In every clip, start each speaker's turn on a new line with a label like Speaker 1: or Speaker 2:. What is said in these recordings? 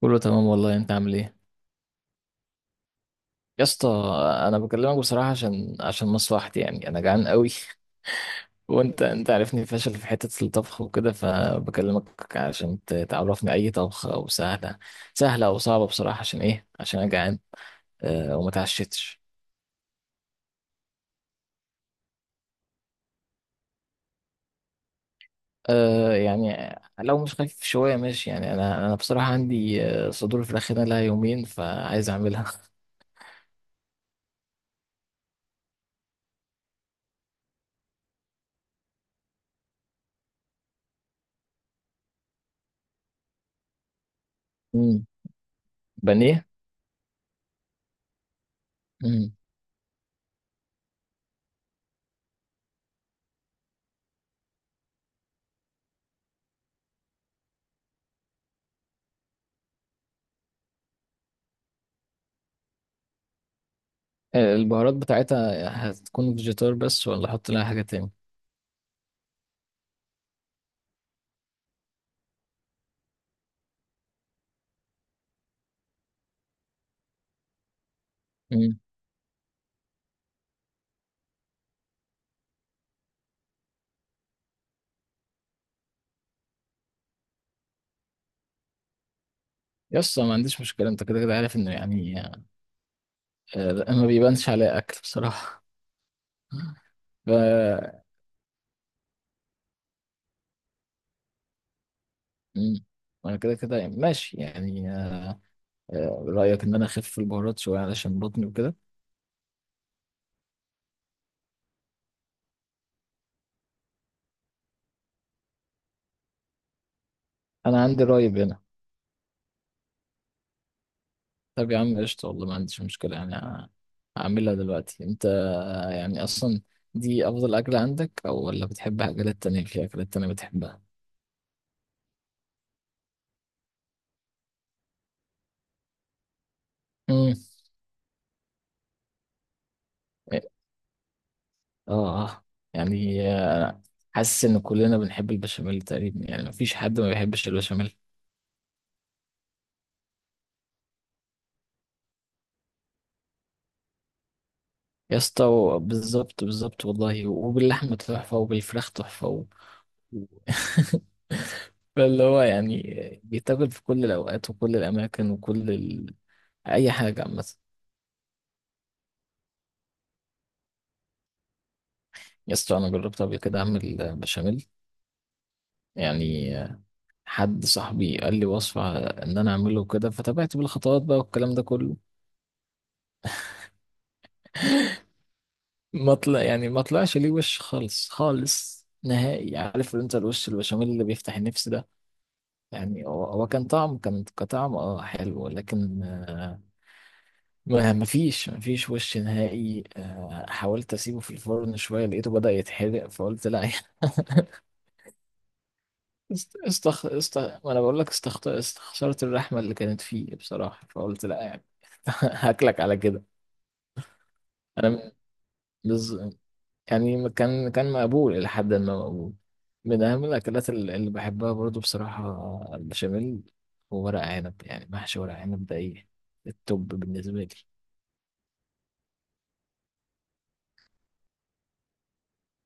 Speaker 1: كله تمام والله، انت عامل ايه؟ يا اسطى، انا بكلمك بصراحه عشان مصلحتي، يعني انا جعان قوي. وانت عارفني فاشل في حته الطبخ وكده، فبكلمك عشان تعرفني اي طبخه او سهله او صعبه بصراحه، عشان ايه؟ عشان انا جعان. أه، وما تعشتش. أه، يعني لو مش خفيف شويه ماشي، يعني انا بصراحه عندي صدور فراخ هنا لها يومين، فعايز اعملها. مم. بانيه. مم. البهارات بتاعتها هتكون فيجيتار بس، ولا احط لها حاجه تاني؟ يس، ما عنديش مشكلة. انت كده كده عارف انه، يعني ما بيبانش عليا اكل بصراحة. ف مم. انا كده كده ماشي يعني. رأيك ان انا اخف في البهارات شوية علشان بطني وكده؟ انا عندي رأي هنا. طب يا عم قشطة، والله ما عنديش مشكلة، يعني هعملها دلوقتي. انت يعني اصلا دي افضل اكلة عندك، او ولا بتحب اكلات تانية؟ في اكلات تانية بتحبها؟ مم. اه، اه. يعني حاسس ان كلنا بنحب البشاميل تقريبا، يعني مفيش حد ما بيحبش البشاميل. يا اسطى، بالظبط بالظبط، والله وباللحمه تحفه وبالفراخ تحفه و- فاللي هو يعني بيتاكل في كل الاوقات وكل الاماكن وكل اي حاجه عامه. يا اسطى، انا جربت قبل كده اعمل بشاميل. يعني حد صاحبي قال لي وصفه ان انا اعمله كده، فتابعت بالخطوات بقى والكلام ده كله. ما طلع يعني ما طلعش ليه وش خالص خالص نهائي. عارف انت الوش البشاميل اللي بيفتح النفس ده؟ يعني هو كان كطعم، حلو، لكن ما فيش وش نهائي. حاولت اسيبه في الفرن شويه، لقيته بدأ يتحرق فقلت لا يعني. است- استخ است ما انا بقول لك استخسرت الرحمه اللي كانت فيه بصراحه، فقلت لا يعني. هاكلك على كده. انا بز... يعني كان مقبول، إلى حد ما مقبول. من أهم الأكلات اللي بحبها برضو بصراحة، البشاميل. وورق عنب، يعني محشي ورق عنب، ده إيه، التوب بالنسبة لي.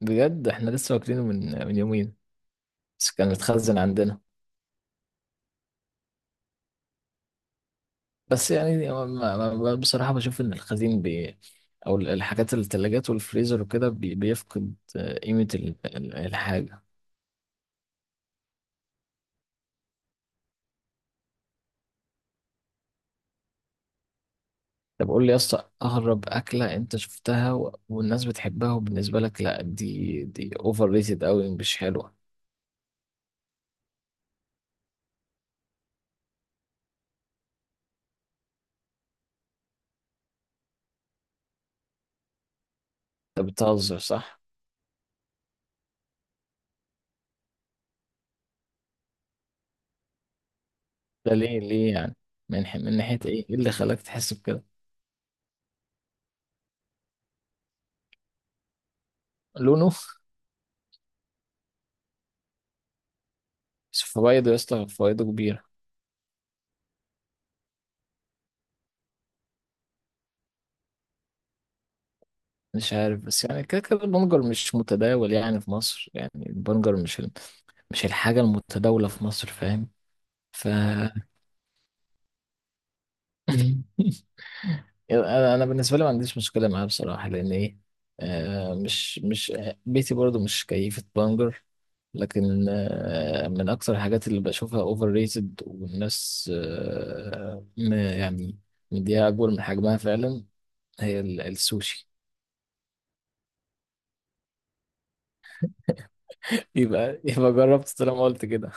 Speaker 1: بجد إحنا لسه واكلينه من يومين، بس كان متخزن عندنا. بس يعني هو بصراحة بشوف إن الخزين، أو الحاجات التلاجات والفريزر وكده، بيفقد قيمة الحاجة. طب قول لي يا اسطى، اغرب اكله انت شفتها والناس بتحبها وبالنسبه لك لا، دي اوفر ريتد قوي، مش حلوه. انت بتهزر صح؟ ده ليه ليه يعني؟ من ناحيه ايه؟ ايه اللي خلاك تحس بكده؟ لونه. بس فوائده يا اسطى، فوائده كبيره. مش عارف، بس يعني كده كده البنجر مش متداول يعني في مصر، يعني البنجر مش مش الحاجه المتداوله في مصر، فاهم؟ ف انا بالنسبه لي ما عنديش مشكله معاه بصراحه، لان ايه؟ مش، بيتي برضو مش كيفه بانجر. لكن من اكثر الحاجات اللي بشوفها اوفر ريتد، والناس، يعني مديها اكبر من حجمها فعلا، هي السوشي. يبقى جربت طالما قلت كده؟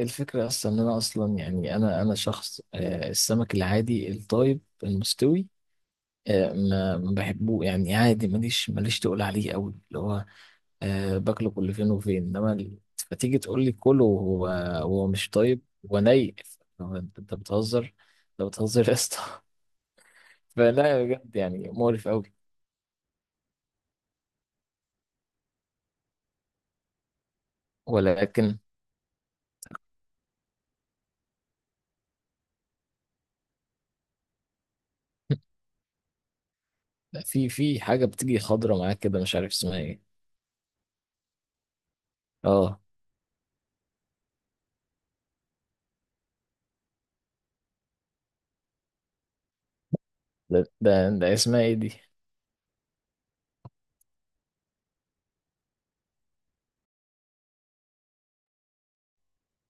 Speaker 1: الفكره اصلا ان انا اصلا، يعني انا شخص، السمك العادي الطيب المستوي ما بحبه، يعني عادي، ماليش تقول عليه قوي اللي هو. باكله كل فين وفين، انما فتيجي تقول لي كله، وهو مش طيب وني؟ هو انت بتهزر، انت بتهزر يا اسطى. فلا، بجد يعني مقرف قوي. ولكن لا، في حاجه بتيجي خضره معاك كده، مش عارف اسمها ايه. اه. ده اسمها ايه دي؟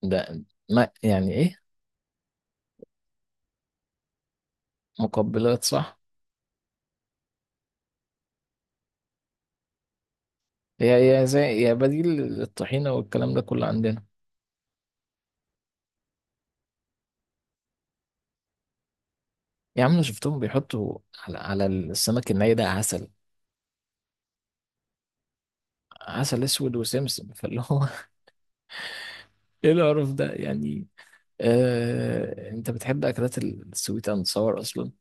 Speaker 1: ده ما يعني ايه؟ مقبلات صح؟ هي زي، هي بديل للطحينه والكلام ده كله عندنا. يا عم، أنا شفتهم بيحطوا على السمك الني ده عسل، عسل اسود وسمسم، فاللي هو ايه القرف ده يعني؟ انت بتحب اكلات السويت اند صور اصلا؟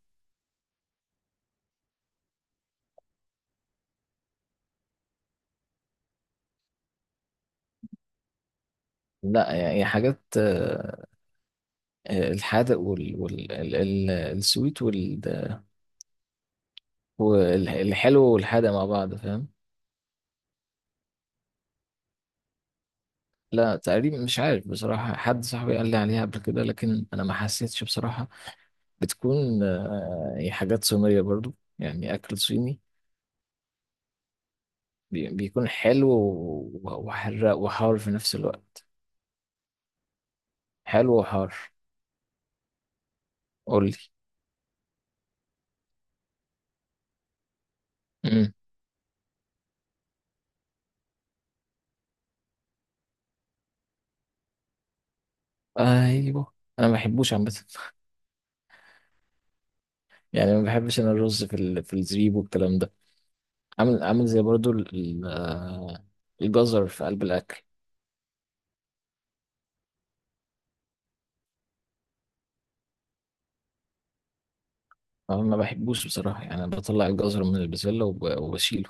Speaker 1: لا يعني حاجات الحادق السويت والحلو والحادق مع بعض، فاهم؟ لا تقريبا مش عارف بصراحة، حد صاحبي قال لي عليها قبل كده لكن انا ما حسيتش بصراحة. بتكون هي حاجات صينية برضو، يعني اكل صيني، بيكون حلو وحراق وحار في نفس الوقت، حلو وحار. قول لي، ايوه. انا ما بحبوش عامه. يعني ما بحبش انا الرز في في الزبيب والكلام ده، عامل زي برضو الجزر في قلب الاكل. أنا ما بحبوش بصراحه، يعني أنا بطلع الجزر من البسله وبشيله.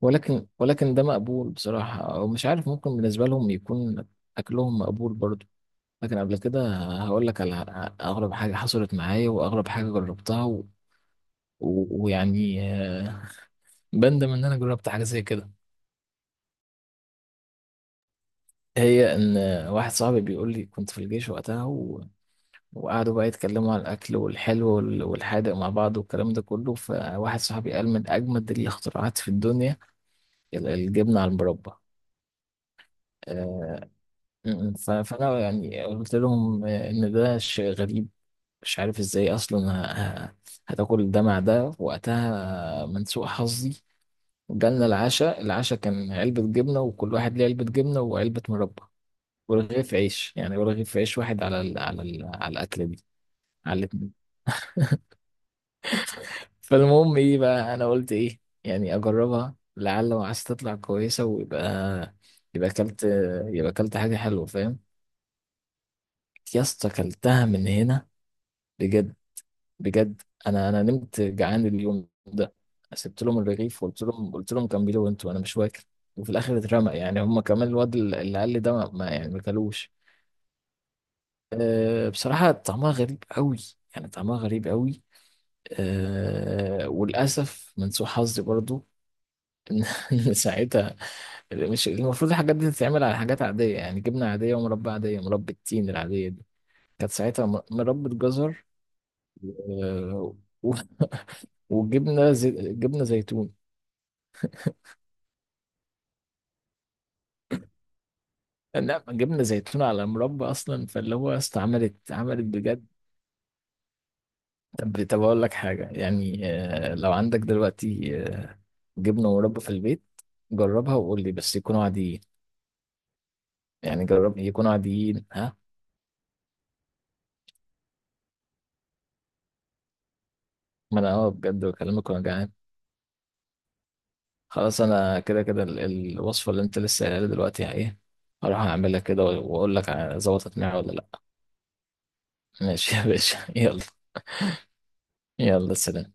Speaker 1: ولكن ده مقبول بصراحه، او مش عارف، ممكن بالنسبه لهم يكون اكلهم مقبول برضو. لكن قبل كده هقول لك على اغرب حاجه حصلت معايا، واغرب حاجه جربتها ويعني بندم ان انا جربت حاجه زي كده. هي ان واحد صاحبي بيقول لي كنت في الجيش وقتها، وقعدوا بقى يتكلموا على الاكل والحلو والحادق مع بعض والكلام ده كله، فواحد صاحبي قال من اجمد الاختراعات في الدنيا الجبنه على المربى. آه، فانا يعني قلت لهم، ان ده شيء غريب، مش عارف ازاي اصلا هتاكل ده مع ده. وقتها من سوء حظي جالنا العشاء، العشاء كان علبة جبنة، وكل واحد ليه علبة جبنة وعلبة مربى، ولا رغيف عيش، يعني ولا رغيف عيش واحد، على ال على ال على الأكلة دي، على الاتنين. فالمهم إيه بقى، أنا قلت إيه يعني، أجربها لعل وعايز تطلع كويسة، ويبقى يبقى أكلت يبقى أكلت حاجة حلوة، فاهم؟ يا اسطى أكلتها من هنا، بجد. بجد أنا نمت جعان اليوم ده. سبت لهم الرغيف وقلت لهم، قلت لهم كملوا أنتوا، أنا مش واكل. وفي الآخر اترمى، يعني هما كمان الواد اللي قال لي ده يعني ما كلوش. أه بصراحة طعمها غريب قوي، يعني طعمها غريب قوي. وللأسف من سوء حظي برضو إن إن ساعتها مش المفروض الحاجات دي تتعمل على حاجات عادية، يعني جبنة عادية ومربى عادية، مربى التين العادية دي. كانت ساعتها مربى جزر. آه و- وجبنة زي جبنة زيتون. لا، جبنة زيتون على مربى أصلا، فاللي هو عملت بجد. طب أقول لك حاجة، يعني لو عندك دلوقتي جبنة مربى في البيت، جربها وقول لي، بس يكونوا عاديين، يعني جرب يكونوا عاديين، ها؟ ما انا بجد بكلمك وانا جعان. خلاص انا كده كده الوصفه اللي انت لسه قايلها لي دلوقتي ايه، هروح اعملها كده واقول لك ظبطت معايا ولا لا. ماشي يا باشا، يلا. يلا سلام.